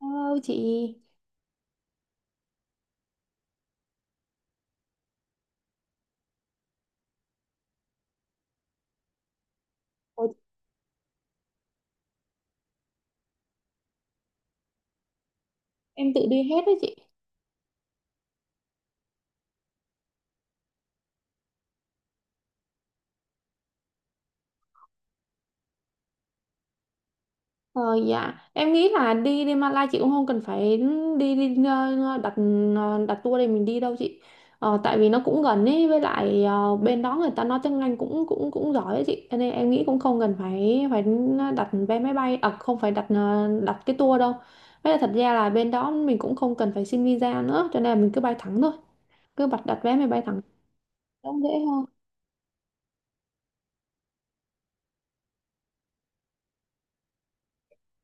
Hello chị. Ủa, em tự đi hết đó chị. Ờ dạ, em nghĩ là đi đi Malai chị cũng không cần phải đi, đi ờ, đặt tour để mình đi đâu chị. Tại vì nó cũng gần ấy, với lại bên đó người ta nói tiếng Anh cũng cũng cũng giỏi ấy chị. Cho nên em nghĩ cũng không cần phải phải đặt vé máy bay, à không phải đặt cái tour đâu. Với lại thật ra là bên đó mình cũng không cần phải xin visa nữa, cho nên là mình cứ bay thẳng thôi, cứ bật đặt vé máy bay thẳng. Cũng dễ hơn.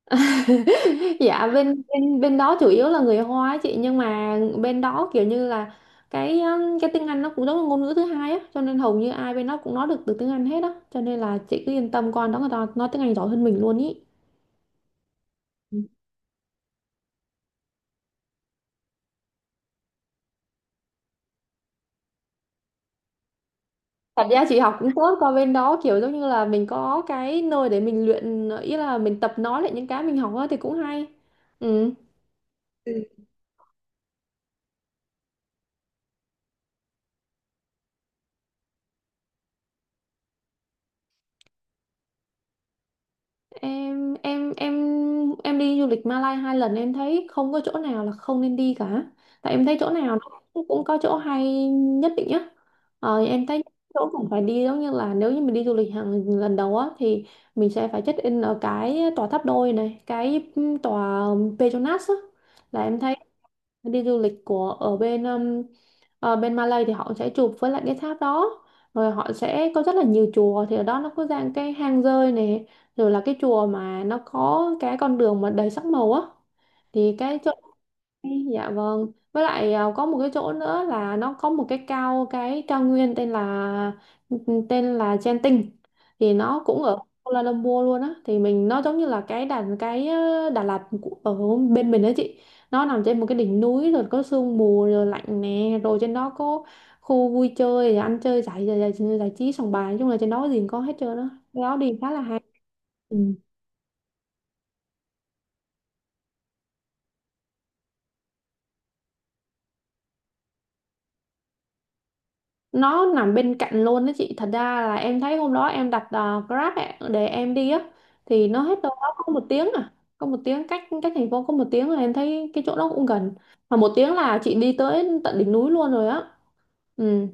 Dạ, bên bên bên đó chủ yếu là người Hoa á chị, nhưng mà bên đó kiểu như là cái tiếng Anh nó cũng giống là ngôn ngữ thứ hai á, cho nên hầu như ai bên đó cũng nói được từ tiếng Anh hết á. Cho nên là chị cứ yên tâm, con đó người ta nói tiếng Anh giỏi hơn mình luôn ý. Ừ, thật ra chị học cũng tốt, qua bên đó kiểu giống như là mình có cái nơi để mình luyện ý, là mình tập nói lại những cái mình học á thì cũng hay. Ừ. em em em em đi du lịch Malai hai lần, em thấy không có chỗ nào là không nên đi cả, tại em thấy chỗ nào nó cũng cũng có chỗ hay nhất định nhá. Em thấy chỗ cũng phải đi, giống như là nếu như mình đi du lịch hàng lần đầu á thì mình sẽ phải check in ở cái tòa tháp đôi này, cái tòa Petronas á. Là em thấy đi du lịch của ở bên Malay thì họ sẽ chụp với lại cái tháp đó, rồi họ sẽ có rất là nhiều chùa. Thì ở đó nó có dạng cái hang rơi này, rồi là cái chùa mà nó có cái con đường mà đầy sắc màu á, thì cái chỗ. Dạ vâng. Với lại à, có một cái chỗ nữa là nó có một cái cao nguyên tên là Genting, thì nó cũng ở Kuala Lumpur luôn á, thì mình nó giống như là cái Đà cái ờ, Đà Lạt ở bên mình đó chị. Nó nằm trên một cái đỉnh núi rồi có sương mù rồi lạnh nè, rồi trên đó có khu vui chơi rồi ăn chơi giải trí sòng bài, nói chung là trên đó có gì cũng có hết trơn á. Cái đó đi khá là hay. Ừ, nó nằm bên cạnh luôn đó chị. Thật ra là em thấy hôm đó em đặt Grab ạ, để em đi á, thì nó hết đâu đó có một tiếng à, có một tiếng cách cách thành phố có một tiếng, rồi em thấy cái chỗ đó cũng gần, mà một tiếng là chị đi tới tận đỉnh núi luôn rồi á. Ừ.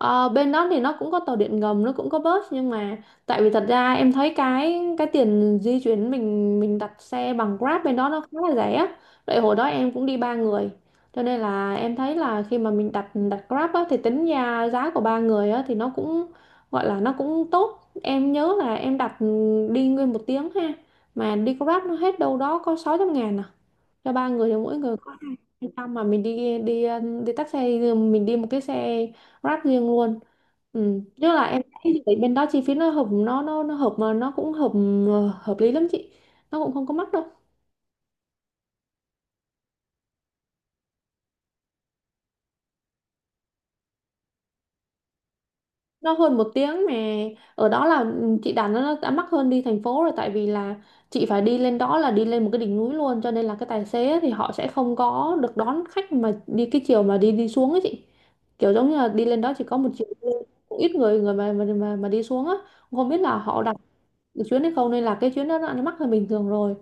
Ờ, bên đó thì nó cũng có tàu điện ngầm, nó cũng có bus, nhưng mà tại vì thật ra em thấy cái tiền di chuyển, mình đặt xe bằng Grab bên đó nó khá là rẻ á. Tại hồi đó em cũng đi ba người, cho nên là em thấy là khi mà mình đặt đặt Grab á, thì tính ra giá của ba người á, thì nó cũng gọi là nó cũng tốt. Em nhớ là em đặt đi nguyên một tiếng ha, mà đi Grab nó hết đâu đó có 600 ngàn à, cho ba người thì mỗi người có hai trăm, mà mình đi đi ờ, đi taxi, mình đi một cái xe Grab riêng luôn. Ừ, chứ là em thấy thì bên đó chi phí nó hợp, nó hợp, mà nó cũng hợp hợp lý lắm chị, nó cũng không có mắc đâu. Nó hơn một tiếng mà ở đó là ừ, chị đặt nó đã mắc hơn đi thành phố rồi. Tại vì là chị phải đi lên đó là đi lên một cái đỉnh núi luôn, cho nên là cái tài xế ấy thì họ sẽ không có được đón khách mà đi cái chiều mà đi đi xuống ấy chị. Kiểu giống như là đi lên đó chỉ có một chiều đi lên, cũng ít người người mà đi xuống á, không biết là họ đặt được chuyến hay không, nên là cái chuyến đó nó mắc hơn bình thường rồi.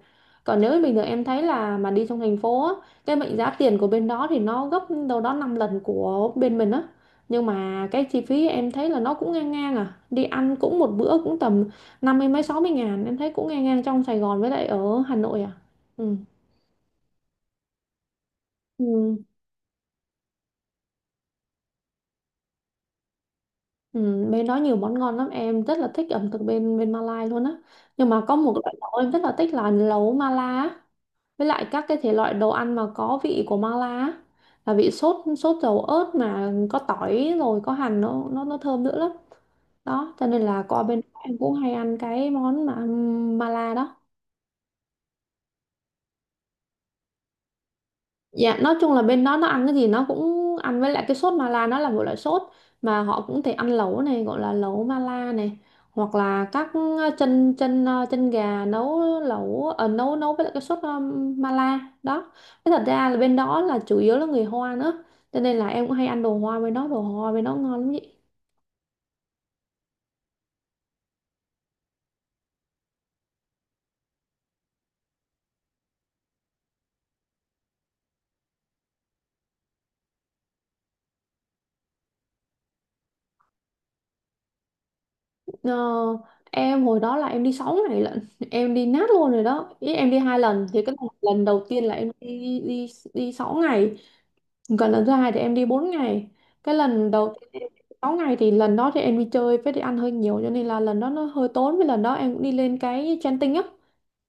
Còn nếu bình thường em thấy là mà đi trong thành phố á, cái mệnh giá tiền của bên đó thì nó gấp đâu đó 5 lần của bên mình á, nhưng mà cái chi phí em thấy là nó cũng ngang ngang à. Đi ăn cũng một bữa cũng tầm năm mươi mấy sáu mươi ngàn, em thấy cũng ngang ngang trong Sài Gòn với lại ở Hà Nội à. Ừ. Ừ. Ừ. Bên đó nhiều món ngon lắm, em rất là thích ẩm thực bên bên Malai luôn á, nhưng mà có một loại lẩu em rất là thích là lẩu Mala á. Với lại các cái thể loại đồ ăn mà có vị của mala á, là vị sốt sốt dầu ớt mà có tỏi rồi có hành, nó thơm nữa lắm đó. Cho nên là qua bên đó em cũng hay ăn cái món mà mala đó. Dạ, nói chung là bên đó nó ăn cái gì nó cũng ăn với lại cái sốt mala. Nó là một loại sốt mà họ cũng thể ăn lẩu này, gọi là lẩu mala này, hoặc là các ờ, chân chân ờ, chân gà nấu lẩu nấu nấu với lại cái sốt mala đó. Thế thật ra là bên đó là chủ yếu là người Hoa nữa, cho nên là em cũng hay ăn đồ Hoa bên đó. Đồ Hoa bên đó ngon lắm vậy. Ờ, em hồi đó là em đi 6 ngày lận, em đi nát luôn rồi đó ý. Em đi hai lần thì cái lần đầu tiên là em đi đi đi 6 ngày, còn lần thứ hai thì em đi 4 ngày. Cái lần đầu tiên 6 ngày thì lần đó thì em đi chơi với đi ăn hơi nhiều, cho nên là lần đó nó hơi tốn. Với lần đó em cũng đi lên cái Genting á,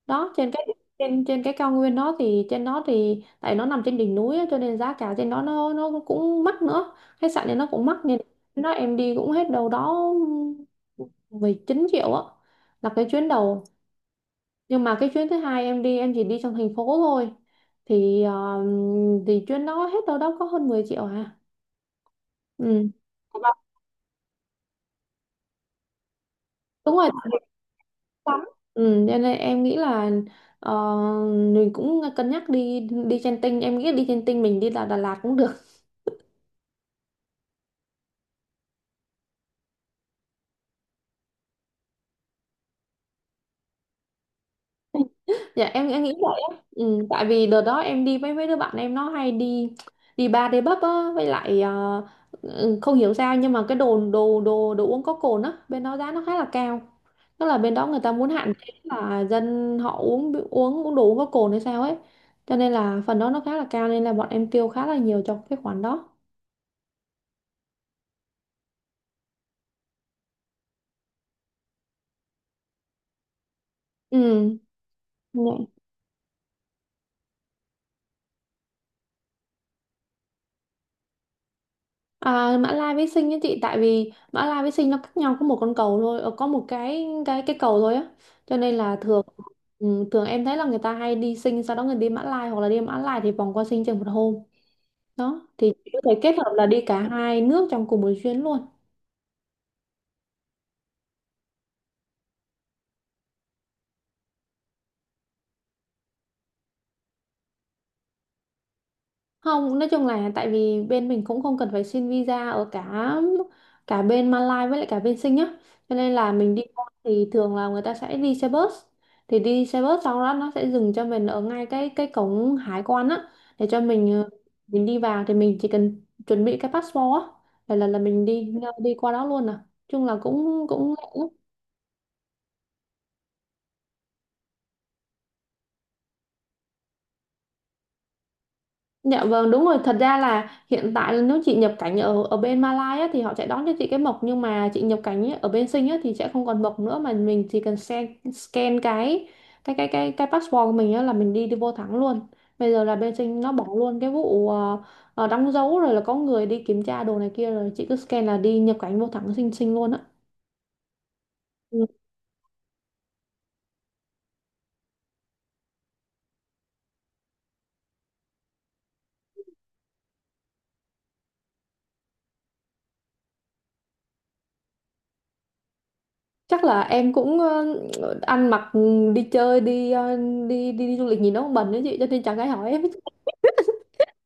đó trên cái trên trên cái cao nguyên đó. Thì trên đó thì tại nó nằm trên đỉnh núi á, cho nên giá cả trên đó nó cũng mắc nữa, khách sạn thì nó cũng mắc, nên nó em đi cũng hết đâu đó 19 triệu á, là cái chuyến đầu. Nhưng mà cái chuyến thứ hai em đi em chỉ đi trong thành phố thôi, thì ờ, thì chuyến đó hết đâu đó có hơn 10 triệu à. Ừ. Đúng rồi, giờ lắm. Ừ, cho nên em nghĩ là ờ, mình cũng cân nhắc đi. Đi trên tinh em nghĩ đi trên tinh mình đi Đà Lạt cũng được. Dạ, em nghĩ vậy á. Ừ, tại vì đợt đó em đi với mấy đứa bạn em nó hay đi đi bar đi pub á, với lại ừ, không hiểu sao, nhưng mà cái đồ đồ đồ đồ uống có cồn á bên đó giá nó khá là cao. Tức là bên đó người ta muốn hạn chế là dân họ uống uống uống đồ uống có cồn hay sao ấy, cho nên là phần đó nó khá là cao, nên là bọn em tiêu khá là nhiều cho cái khoản đó. Ừ, nhỉ. À, Mã Lai với Sinh á chị, tại vì Mã Lai với Sinh nó cách nhau có một con cầu thôi, có một cái cầu thôi á, cho nên là thường ừ, thường em thấy là người ta hay đi Sinh sau đó người đi Mã Lai, hoặc là đi Mã Lai thì vòng qua Sinh chừng một hôm, đó thì chị có thể kết hợp là đi cả hai nước trong cùng một chuyến luôn. Không, nói chung là tại vì bên mình cũng không cần phải xin visa ở cả cả bên Malaysia với lại cả bên Sing nhá. Cho nên là mình đi qua thì thường là người ta sẽ đi xe bus. Thì đi xe bus sau đó nó sẽ dừng cho mình ở ngay cái cổng hải quan á, để cho mình mình đi vào thì mình chỉ cần chuẩn bị cái passport á, là mình đi đi qua đó luôn à. Chung là cũng cũng lẹ lắm. Dạ vâng, đúng rồi. Thật ra là hiện tại là nếu chị nhập cảnh ở ở bên Malaysia á, thì họ sẽ đón cho chị cái mộc, nhưng mà chị nhập cảnh ấy, ở bên Sing á, thì sẽ không còn mộc nữa mà mình chỉ cần scan, scan cái passport của mình á, là mình đi đi vô thẳng luôn. Bây giờ là bên Sing nó bỏ luôn cái vụ đóng dấu rồi là có người đi kiểm tra đồ này kia, rồi chị cứ scan là đi nhập cảnh vô thẳng Sing Sing luôn á. Ừ, chắc là em cũng ăn mặc, ừ, đi chơi, đi, đi du lịch nhìn nó cũng bẩn đấy chị, cho nên chẳng ai hỏi em.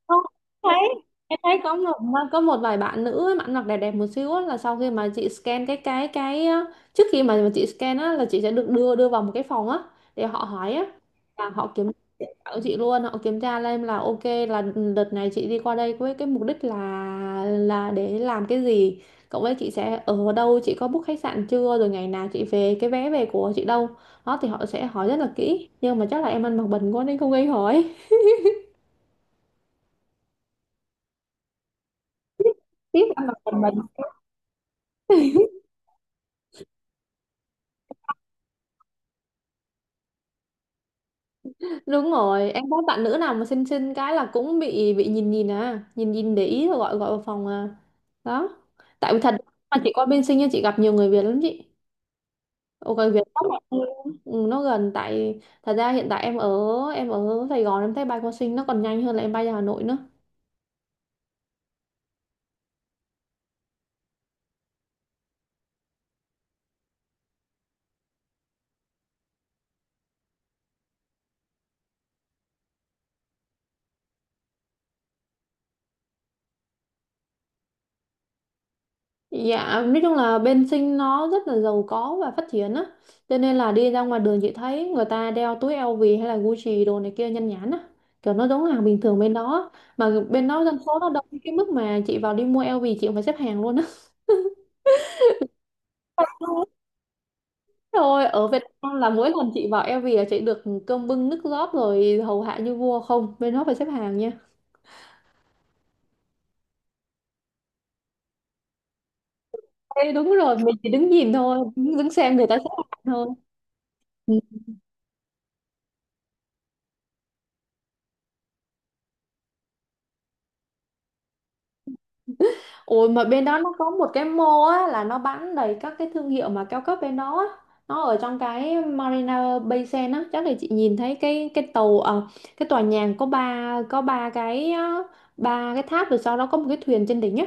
Không, thấy em thấy có một vài bạn nữ ấy, bạn mặc đẹp đẹp một xíu á, là sau khi mà chị scan cái trước khi mà chị scan á, là chị sẽ được đưa đưa vào một cái phòng á để họ hỏi á, là họ kiểm tra của chị luôn. Họ kiểm tra lên là ok, là đợt này chị đi qua đây với cái mục đích là để làm cái gì, cộng với chị sẽ ở đâu, chị có book khách sạn chưa, rồi ngày nào chị về, cái vé về của chị đâu. Đó thì họ sẽ hỏi rất là kỹ, nhưng mà chắc là em ăn mặc bẩn quá nên không gây hỏi. Tiếp ăn mặc bẩn. Đúng rồi, em có bạn nữ nào mà xinh xinh cái là cũng bị nhìn nhìn à, nhìn nhìn để ý rồi gọi gọi vào phòng à. Đó. Tại vì thật mà chị qua bên Sinh nha, chị gặp nhiều người Việt lắm chị. Ồ, người Việt lắm mà. Ừ, nó gần. Tại thật ra hiện tại em ở, em ở Sài Gòn, em thấy bay qua Sinh nó còn nhanh hơn là em bay ra Hà Nội nữa. Dạ, nói chung là bên Sinh nó rất là giàu có và phát triển á. Cho nên là đi ra ngoài đường chị thấy người ta đeo túi LV hay là Gucci đồ này kia nhan nhản á. Kiểu nó giống hàng bình thường bên đó. Mà bên đó dân số nó đông đến cái mức mà chị vào đi mua LV chị cũng phải xếp hàng luôn á. Rồi ở Việt Nam là mỗi lần chị vào LV là chị được cơm bưng nước rót rồi hầu hạ như vua không? Bên đó phải xếp hàng nha. Ê, đúng rồi, mình chỉ đứng nhìn thôi, đứng xem người ta xếp hàng thôi. Ừ. Ôi, mà bên đó nó có một cái mall á, là nó bán đầy các cái thương hiệu mà cao cấp bên đó á. Nó ở trong cái Marina Bay Sands á, chắc là chị nhìn thấy cái tàu, cái tòa nhà có ba cái, ba cái tháp rồi sau đó có một cái thuyền trên đỉnh á.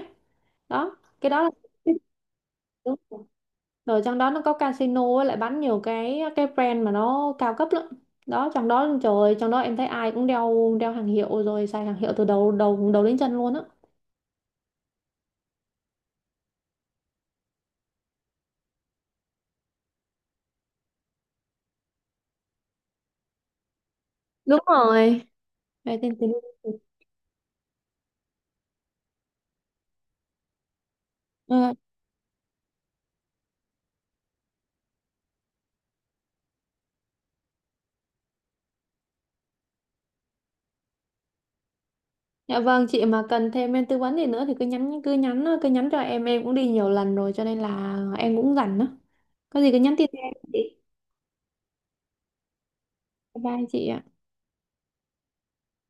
Đó, cái đó là. Đúng rồi. Rồi trong đó nó có casino á, lại bán nhiều cái brand mà nó cao cấp lắm. Đó, trong đó trời ơi, trong đó em thấy ai cũng đeo đeo hàng hiệu rồi xài hàng hiệu từ đầu đầu đầu đến chân luôn á. Đúng rồi. Đây, tin- tin- Ừ. Dạ vâng, chị mà cần thêm em tư vấn gì nữa thì cứ nhắn cho em cũng đi nhiều lần rồi cho nên là em cũng rảnh đó. Có gì cứ nhắn tin cho em chị. Bye bye chị ạ.